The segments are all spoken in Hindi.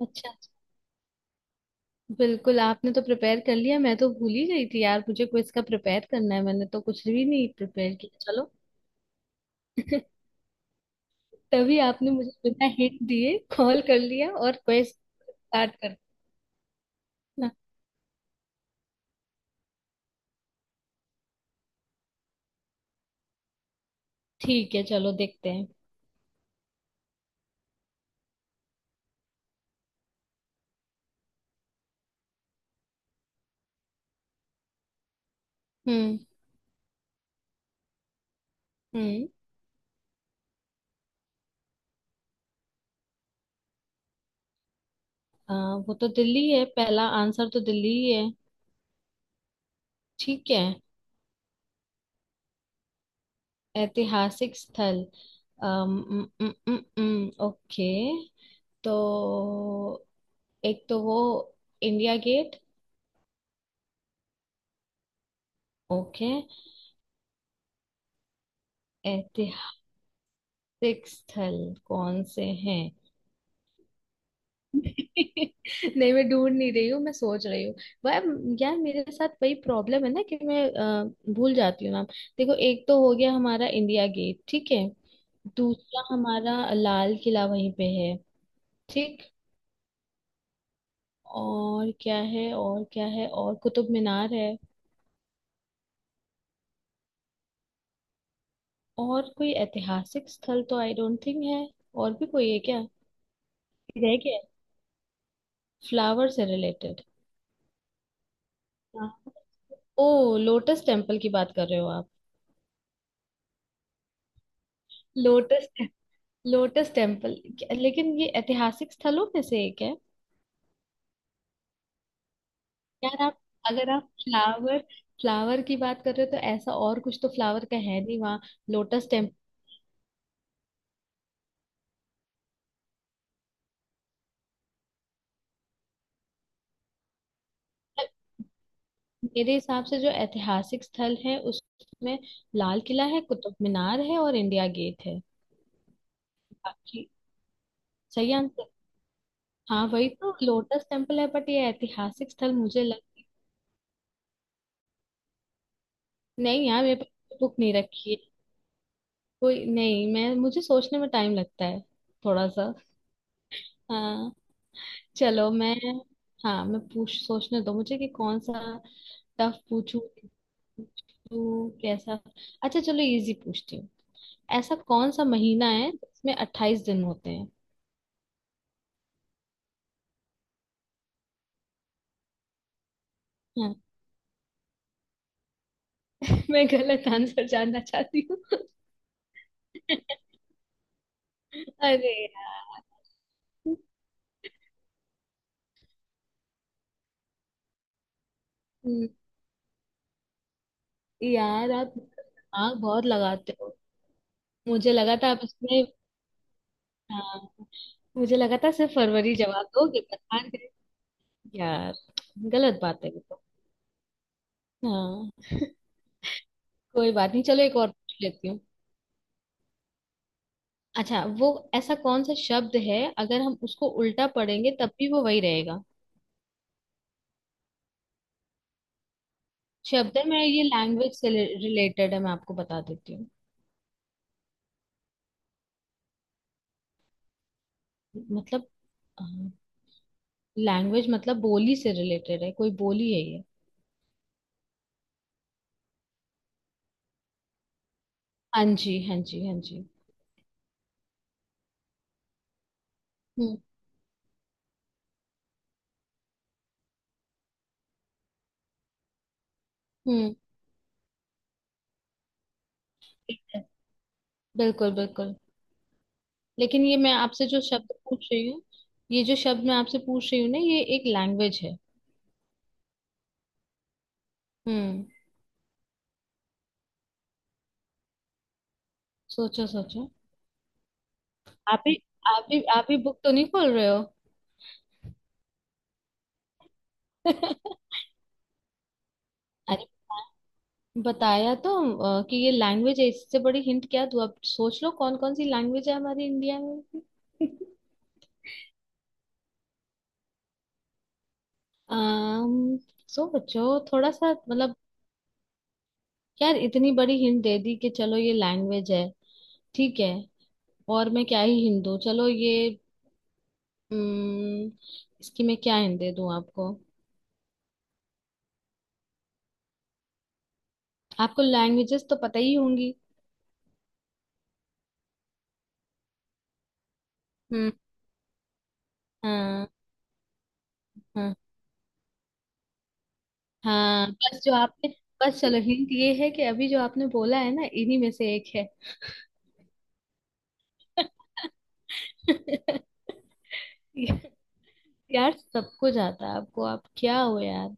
अच्छा। बिल्कुल, आपने तो प्रिपेयर कर लिया। मैं तो भूल ही गई थी यार, मुझे क्विज का प्रिपेयर करना है। मैंने तो कुछ भी नहीं प्रिपेयर किया। चलो। तभी आपने मुझे बिना हिंट दिए कॉल कर लिया और क्विज स्टार्ट कर ना। ठीक है, चलो देखते हैं। हम्म। हम्म। आ, वो तो दिल्ली है, पहला आंसर तो दिल्ली ही है। ठीक है। ऐतिहासिक स्थल। अम, उम, उम, उम, ओके। तो एक तो वो इंडिया गेट। ओके। सिक्स स्थल कौन से हैं? नहीं, मैं ढूंढ नहीं रही हूँ, मैं सोच रही हूँ। वह, यार मेरे साथ वही प्रॉब्लम है ना कि मैं भूल जाती हूँ नाम। देखो, एक तो हो गया हमारा इंडिया गेट। ठीक है। दूसरा हमारा लाल किला वहीं पे है। ठीक। और क्या है? और क्या है? और कुतुब मीनार है। और कोई ऐतिहासिक स्थल तो आई डोंट थिंक है। और भी कोई है क्या? रह गया। फ्लावर से रिलेटेड। ओ, लोटस टेम्पल की बात कर रहे हो आप? लोटस। Lotus temple. लेकिन ये ऐतिहासिक स्थलों में से एक है? यार आप, अगर आप फ्लावर फ्लावर की बात कर रहे हो, तो ऐसा और कुछ तो फ्लावर का है नहीं वहाँ। Lotus temple. मेरे हिसाब से जो ऐतिहासिक स्थल है उसमें लाल किला है, कुतुब मीनार है, और इंडिया गेट है। बाकी सही आंसर। हाँ वही तो लोटस टेम्पल है, बट ये ऐतिहासिक स्थल मुझे लग। नहीं यार, मेरे पास बुक नहीं रखी है। कोई नहीं, मैं, मुझे सोचने में टाइम लगता है थोड़ा सा। हाँ। चलो मैं, हाँ मैं पूछ, सोचने दो मुझे कि कौन सा टफ पूछूं। पूछूं, कैसा? अच्छा चलो, इजी पूछती हूँ। ऐसा कौन सा महीना है जिसमें 28 दिन होते हैं? हाँ। मैं गलत आंसर जानना चाहती हूँ। अरे यार। हम्म। यार आप दिमाग बहुत लगाते हो। मुझे लगा था आप इसमें। हाँ। मुझे लगा था सिर्फ फरवरी जवाब दोगे पर हार गए यार। गलत बात है ये तो। हाँ। कोई बात नहीं, चलो एक और पूछ लेती हूँ। अच्छा, वो ऐसा कौन सा शब्द है अगर हम उसको उल्टा पढ़ेंगे तब भी वो वही रहेगा? शब्द है, मैं ये, लैंग्वेज से रिलेटेड है, मैं आपको बता देती हूँ। मतलब। लैंग्वेज मतलब बोली से रिलेटेड है, कोई बोली है ये। हाँ जी, हाँ जी, हाँ जी। हम्म। हम्म। ठीक है। बिल्कुल, बिल्कुल। लेकिन ये मैं आपसे जो शब्द पूछ रही हूँ, ये जो शब्द मैं आपसे पूछ रही हूँ ना, ये एक लैंग्वेज है। हम्म। सोचो, सोचो। आप ही आप ही बुक तो नहीं खोल रहे हो? अरे, बताया तो कि ये लैंग्वेज है, इससे बड़ी हिंट क्या दूँ, अब सोच लो कौन कौन सी लैंग्वेज है हमारी इंडिया में भी। अम्म। सोचो। थोड़ा सा मतलब, यार इतनी बड़ी हिंट दे दी कि चलो ये लैंग्वेज है, ठीक है। और मैं क्या ही हिंट दूँ, चलो ये, अम्म, इसकी मैं क्या हिंट दे दूँ आपको? आपको लैंग्वेजेस तो पता ही होंगी। हम्म। हाँ, हाँ, हाँ, बस जो आपने, बस चलो, हिंट ये है कि अभी जो आपने बोला है ना, इन्हीं में से एक है। यार सबको जाता है आपको, आप क्या हो यार।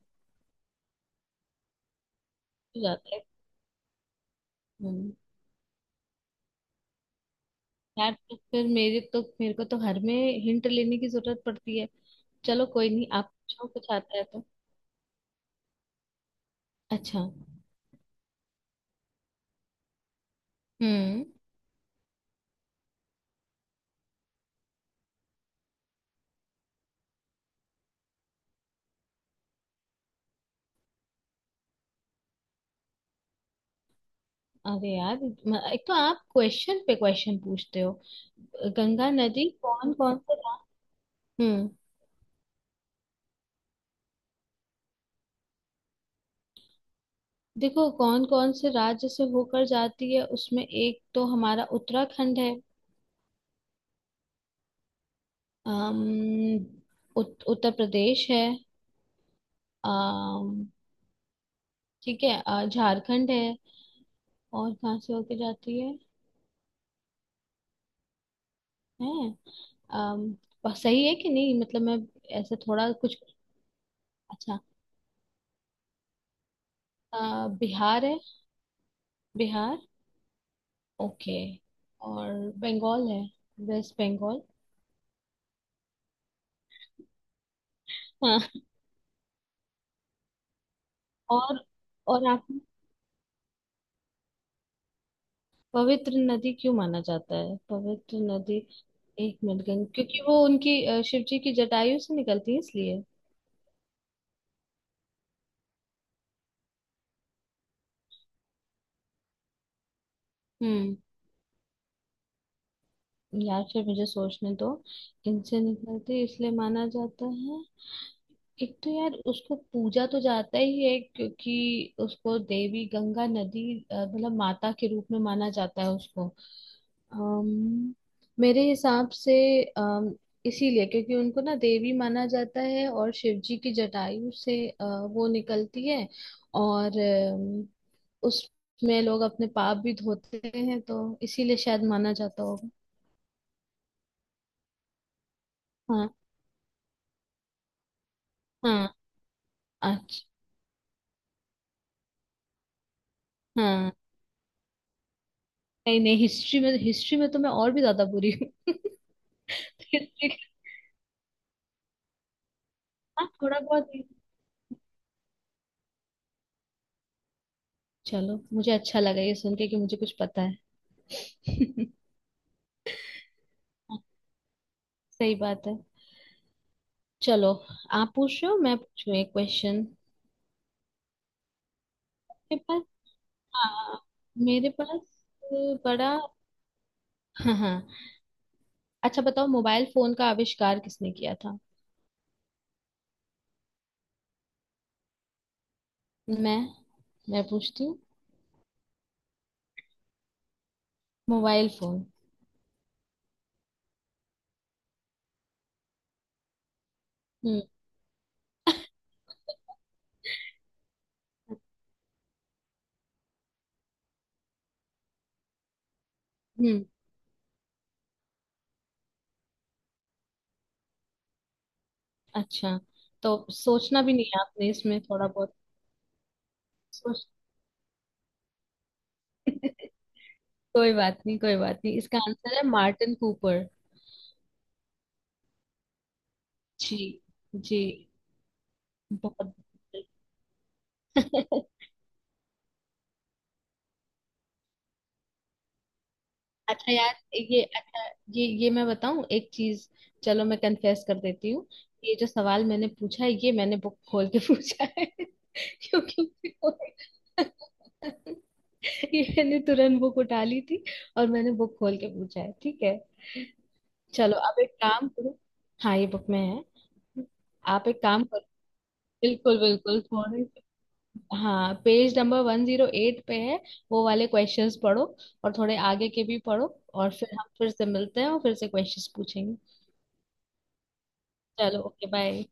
सबको जाता है। हम्म। यार तो फिर मेरे को तो हर में हिंट लेने की जरूरत पड़ती है। चलो कोई नहीं, आप पूछो कुछ आता है तो। अच्छा। हम्म। अरे यार, एक तो आप क्वेश्चन पे क्वेश्चन पूछते हो। गंगा नदी कौन कौन से रा-। हम्म। देखो, कौन कौन से राज्य से होकर जाती है, उसमें एक तो हमारा उत्तराखंड है। अम्म, उत्तर प्रदेश है। अम, ठीक है, झारखंड है। और कहाँ से होके जाती है? हैं? अम, सही है कि नहीं, मतलब मैं ऐसे थोड़ा कुछ। अच्छा। बिहार है। बिहार। ओके। और बंगाल है, वेस्ट बंगाल। हाँ। और और आप, पवित्र नदी क्यों माना जाता है, पवित्र नदी? एक मिनट। गंग, क्योंकि वो उनकी शिव जी की जटायु से निकलती है इसलिए। हम्म। यार फिर मुझे सोचने दो। इनसे निकलती है, इसलिए माना जाता है। एक तो यार, उसको पूजा तो जाता ही है क्योंकि उसको देवी गंगा नदी, मतलब माता के रूप में माना जाता है उसको। अम्म। मेरे हिसाब से, अम, इसीलिए क्योंकि उनको ना देवी माना जाता है और शिव जी की जटायु से वो निकलती है। और उसमें लोग अपने पाप भी धोते हैं, तो इसीलिए शायद माना जाता होगा। हाँ। हाँ। अच्छा। हाँ। नहीं नहीं, हिस्ट्री में, हिस्ट्री में तो मैं और भी ज्यादा बुरी हूँ। हिस्ट्री। हाँ, थोड़ा बहुत ही। चलो, मुझे अच्छा लगा ये सुन के कि मुझे कुछ पता है। सही बात है। चलो। आप पूछ रहे हो, मैं पूछूं एक क्वेश्चन? मेरे पास। हाँ। मेरे पास अ, बड़ा। हाँ, हाँ, अच्छा बताओ मोबाइल फोन का आविष्कार किसने किया था? मैं मैं पूछती हूँ। Mobile phone. हम्म। हम्म। अच्छा, तो सोचना भी नहीं है आपने इसमें थोड़ा बहुत सोच। कोई बात नहीं, कोई बात नहीं, इसका आंसर है मार्टिन कूपर। जी। जी। बहुत। अच्छा यार, ये अच्छा, ये मैं बताऊं एक चीज, चलो मैं कन्फेस कर देती हूँ। ये जो सवाल मैंने पूछा है, ये मैंने बुक खोल के पूछा है। क्योंकि मुझे-। ये मैंने तुरंत बुक उठा ली थी और मैंने बुक खोल के पूछा है, ठीक है। चलो, आप एक काम करो। हाँ, ये बुक में है। आप एक काम करो, बिल्कुल बिल्कुल थोड़े। हाँ, पेज नंबर 108 पे है, वो वाले क्वेश्चंस पढ़ो और थोड़े आगे के भी पढ़ो। और फिर हम फिर से मिलते हैं और फिर से क्वेश्चंस पूछेंगे। चलो, ओके, बाय।